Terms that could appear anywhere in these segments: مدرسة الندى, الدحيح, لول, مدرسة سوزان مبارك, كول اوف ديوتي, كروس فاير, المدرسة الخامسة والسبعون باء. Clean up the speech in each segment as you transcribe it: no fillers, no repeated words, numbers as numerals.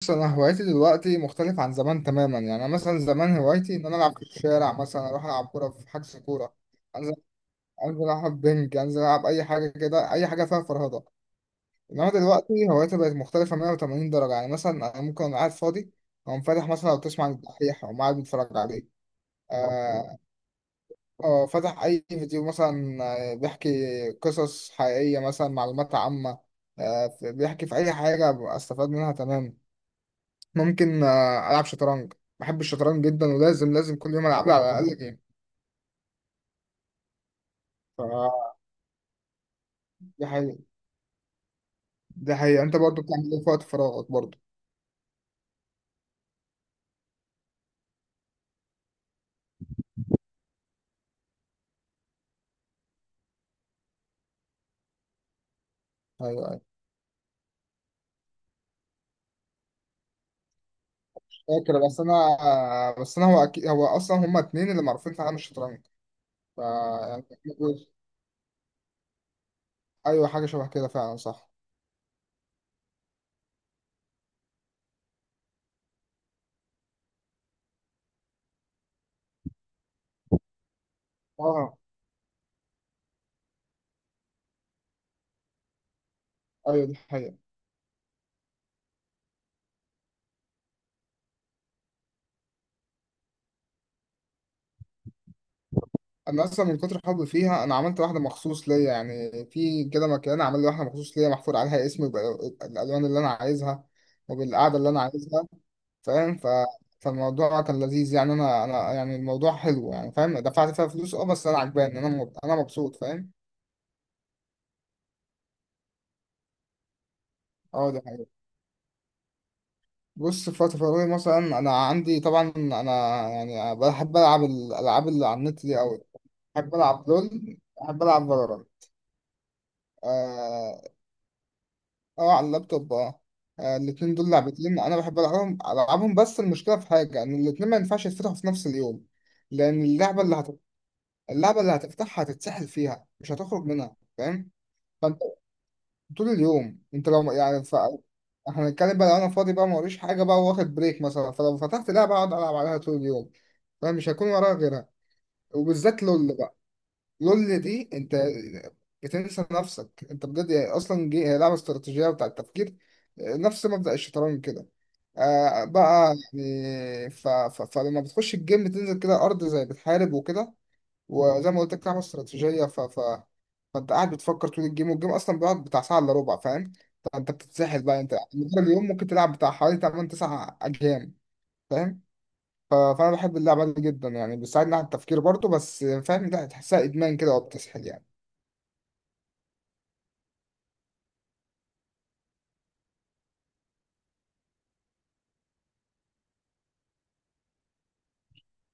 بص، انا هوايتي دلوقتي مختلف عن زمان تماما. يعني انا مثلا زمان هوايتي ان انا العب في الشارع، مثلا اروح العب كوره في حجز كوره. انزل انزل العب بنج، انزل العب اي حاجه كده، اي حاجه فيها فرهضه. انما دلوقتي هوايتي بقت مختلفه 180 درجه. يعني مثلا انا ممكن أبقى قاعد فاضي او فاتح، مثلا لو تسمع عن الدحيح او قاعد بتفرج عليه. اه، أو فاتح اي فيديو مثلا. بيحكي قصص حقيقيه، مثلا معلومات عامه. بيحكي في اي حاجه استفاد منها تماما. ممكن العب شطرنج. بحب الشطرنج جدا، ولازم كل يوم العب لي على الاقل جيم. ف دي حقيقة. دي حقيقة، انت برضو بتعمل ايه في وقت فراغك برضو؟ ايوه، ايوه. فاكر بس انا آه، بس انا، هو اكيد، هو اصلا هما اتنين اللي معروفين في عالم الشطرنج. ف يعني ايوه، حاجة شبه كده فعلا، صح. اه، ايوه دي حقيقة. انا اصلا من كتر حبي فيها انا عملت واحدة مخصوص ليا، يعني في كده مكان عامل لي واحدة مخصوص ليا، محفور عليها اسمي بالالوان اللي انا عايزها وبالقعدة اللي انا عايزها. فاهم؟ فالموضوع كان لذيذ يعني، انا يعني الموضوع حلو يعني، فاهم. دفعت فيها فلوس، اه بس انا عجباني، انا مبسوط، فاهم. اه، ده حقيقي. بص، في وقت فراغي مثلا انا عندي، طبعا انا يعني بحب العب الالعاب اللي على النت دي قوي. بحب العب لول، بحب العب فالورانت. اه، على اللابتوب، اه. الاتنين دول لعبتين انا بحب العبهم، العبهم، بس المشكله في حاجه، ان الاتنين ما ينفعش يتفتحوا في نفس اليوم. لان اللعبه اللي هتفتحها هتتسحل فيها، مش هتخرج منها، فاهم. فانت طول اليوم، انت لو يعني احنا هنتكلم بقى، لو انا فاضي بقى موريش حاجه بقى، واخد بريك مثلا، فلو فتحت لعبه اقعد العب عليها طول اليوم، فمش هكون وراها غيرها. وبالذات لول بقى، لول دي انت بتنسى نفسك انت بجد، يعني اصلا هي لعبه استراتيجيه بتاع التفكير، نفس مبدأ الشطرنج كده. آه بقى يعني ف... ف... فلما بتخش الجيم بتنزل كده ارض زي بتحارب وكده. وزي ما قلت لك، لعبه استراتيجيه، فانت قاعد بتفكر طول الجيم، والجيم اصلا بيقعد بتاع ساعه الا ربع، فاهم. فانت بتتسحل بقى، انت مدار اليوم ممكن تلعب بتاع حوالي 8 9 اجيال، فاهم. فانا بحب اللعبه دي جدا يعني، بتساعدني على التفكير برضه، بس فاهم، لا، تحسها ادمان كده وبتسحل يعني.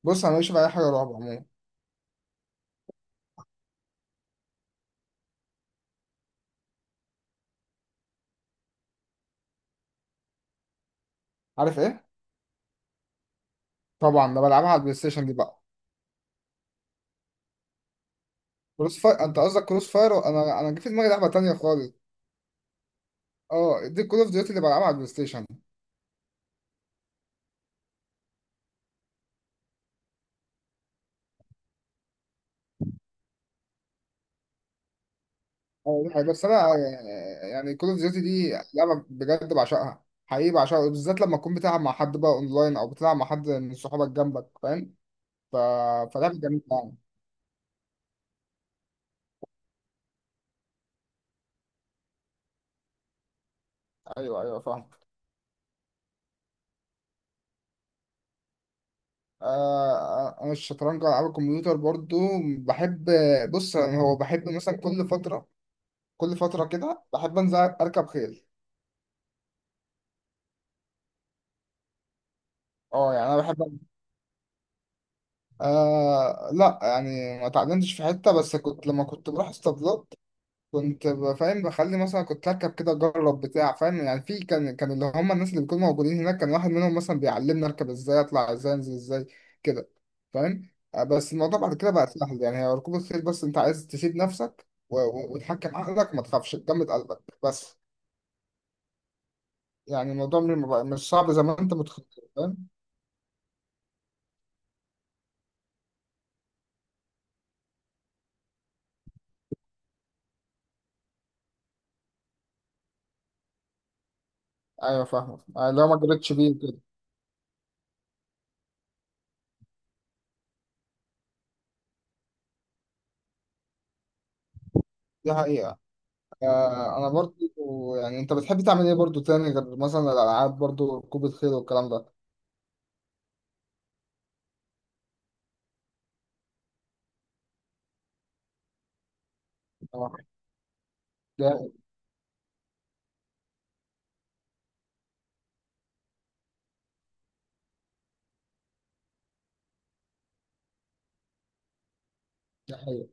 بص، انا ماليش في اي حاجه رعب عموما. عارف ايه؟ طبعا انا بلعبها على البلاي ستيشن دي بقى. كروس فاير، انت قصدك كروس فاير؟ انا، انا جه في دماغي لعبه تانيه خالص. اه، دي كول اوف ديوتي اللي بلعبها على البلاي ستيشن. أه، دي حقيقة. بس انا يعني كول اوف ديوتي دي لعبه بجد بعشقها، حقيقي بعشقها، بالذات لما تكون بتلعب مع حد بقى اونلاين، او بتلعب مع حد من صحابك جنبك، فاهم. ف... فلعبه جميله يعني. ايوه، ايوه فاهم. انا الشطرنج، العاب الكمبيوتر برضو بحب. بص يعني هو، بحب مثلا كل فتره، كل فتره كده بحب انزل اركب خيل. اه يعني انا بحب، لا يعني ما اتعلمتش في حته، بس كنت لما كنت بروح اسطبلات كنت فاهم، بخلي مثلا كنت اركب كده، اجرب بتاع، فاهم يعني، في كان اللي هم الناس اللي بيكونوا موجودين هناك، كان واحد منهم مثلا بيعلمني اركب ازاي، اطلع ازاي، انزل ازاي كده، فاهم. بس الموضوع بعد كده بقى سهل يعني، هي ركوب الخيل بس انت عايز تسيب نفسك وتحكم عقلك، وما تخافش، تجمد قلبك بس. يعني الموضوع م- ما بقى- مش صعب زي ما انت متخيل، فاهم. ايوه فاهمك، لو ما جريتش بيه كده. دي حقيقة. انا برضو يعني، انت بتحب تعمل ايه برضو تاني غير مثلا الالعاب برضو، ركوب الخيل والكلام ده؟ آه. ده حقيقي.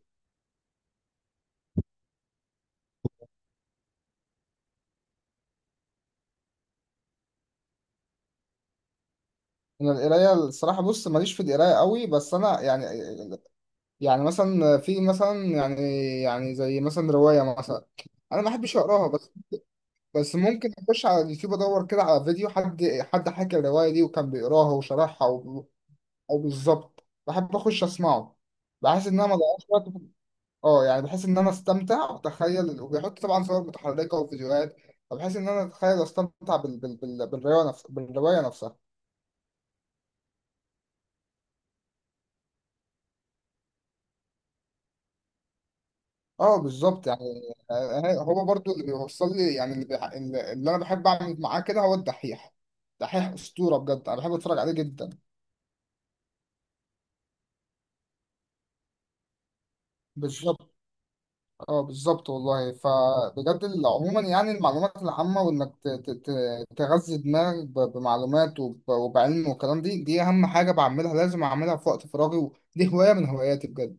انا القرايه الصراحه، بص ماليش في القرايه قوي، بس انا يعني، يعني مثلا في مثلا يعني، يعني زي مثلا روايه مثلا انا ما بحبش اقراها، بس ممكن اخش على اليوتيوب ادور كده على فيديو حد، حد حكى الروايه دي وكان بيقراها وشرحها او بالظبط، بحب اخش اسمعه. بحس ان انا ما ضيعش وقت يعني بحس ان انا استمتع واتخيل، وبيحط طبعا صور متحركه وفيديوهات، فبحس ان انا اتخيل واستمتع بالروايه نفسها. اه بالظبط يعني. هو برضو اللي بيوصل لي يعني، اللي, بيح... اللي اللي انا بحب اعمل معاه كده هو الدحيح. دحيح اسطوره بجد، انا بحب اتفرج عليه جدا. بالظبط. اه بالظبط والله. فبجد عموما يعني المعلومات العامه، وانك تغذي دماغك بمعلومات وبعلم، والكلام دي اهم حاجه بعملها، لازم اعملها في وقت فراغي، ودي هوايه من هواياتي بجد.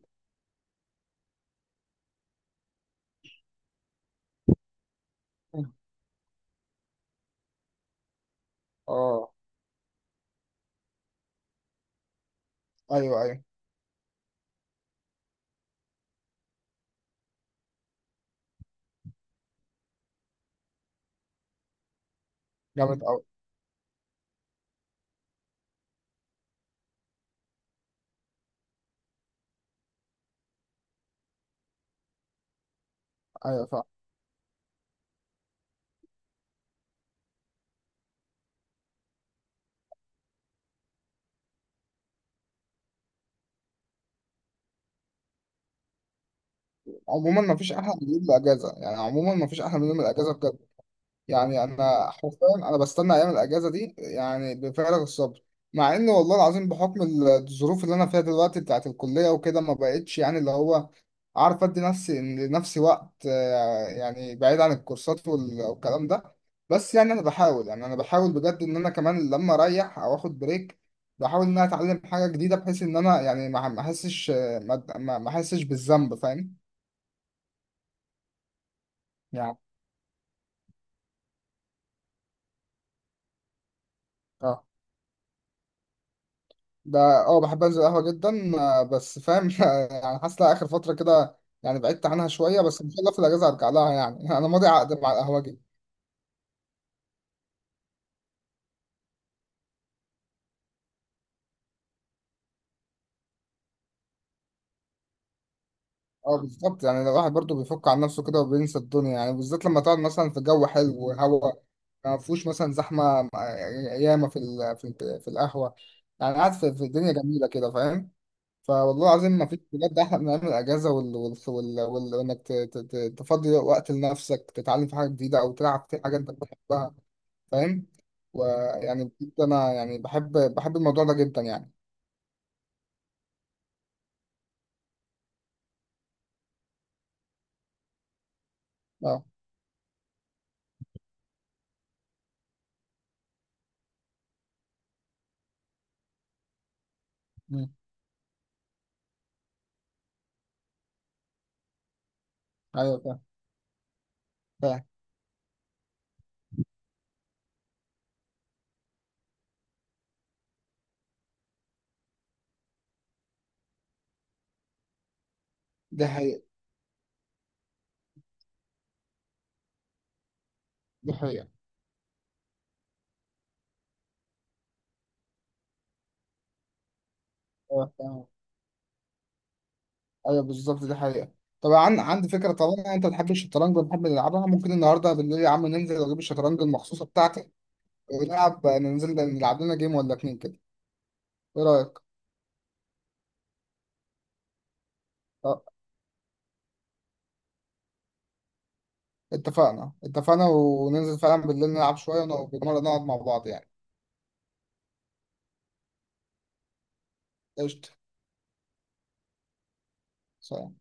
اه. ايوه، ايوه. جامد قوي. ايوه فعلا. عموما ما فيش احلى من يوم الاجازه يعني، عموما ما فيش احلى من يوم الاجازه بجد. يعني انا حرفيا انا بستنى ايام الاجازه دي يعني بفارغ الصبر. مع ان والله العظيم، بحكم الظروف اللي انا فيها دلوقتي بتاعت الكليه وكده ما بقتش يعني، اللي هو عارف ادي نفسي لنفسي وقت، يعني بعيد عن الكورسات والكلام ده. بس يعني انا بحاول، يعني انا بحاول بجد ان انا كمان لما اريح او اخد بريك، بحاول ان انا اتعلم حاجه جديده، بحيث ان انا يعني ما احسش، ما احسش بالذنب، فاهم. يعني اه. بحب انزل قهوة جدا، بس فاهم يعني حاسس إن اخر فترة كده، يعني بعدت عنها شوية، بس ان شاء الله في الاجازة ارجع لها يعني انا ماضي عقد مع القهوة دي. اه بالظبط يعني، الواحد برضه بيفك عن نفسه كده وبينسى الدنيا يعني، بالذات لما تقعد مثلا في جو حلو وهواء ما فيهوش مثلا زحمة. ياما في القهوة، يعني قاعد في الدنيا جميلة كده، فاهم. فوالله العظيم ما فيش بجد احلى من ايام الاجازة، وانك تفضي وقت لنفسك، تتعلم في حاجة جديدة او تلعب في حاجة انت بتحبها، فاهم. ويعني بجد انا يعني بحب الموضوع ده جدا يعني. اه. مم. ايوه فاهم. فاهم. دي حقيقة. دي حقيقة. ايوه فاهم. ايوه بالظبط دي حقيقة. طبعا عندي فكرة، طالما انت بتحب الشطرنج وبنحب نلعبها، ممكن النهارده بالليل يا عم ننزل اجيب الشطرنج المخصوصة بتاعتي، ونلعب ننزل نلعب لنا جيم ولا اتنين كده. ايه رأيك؟ اه، اتفقنا، اتفقنا، وننزل فعلا بالليل نلعب شوية ونقعد، نقعد مع بعض يعني. قشطة. سلام.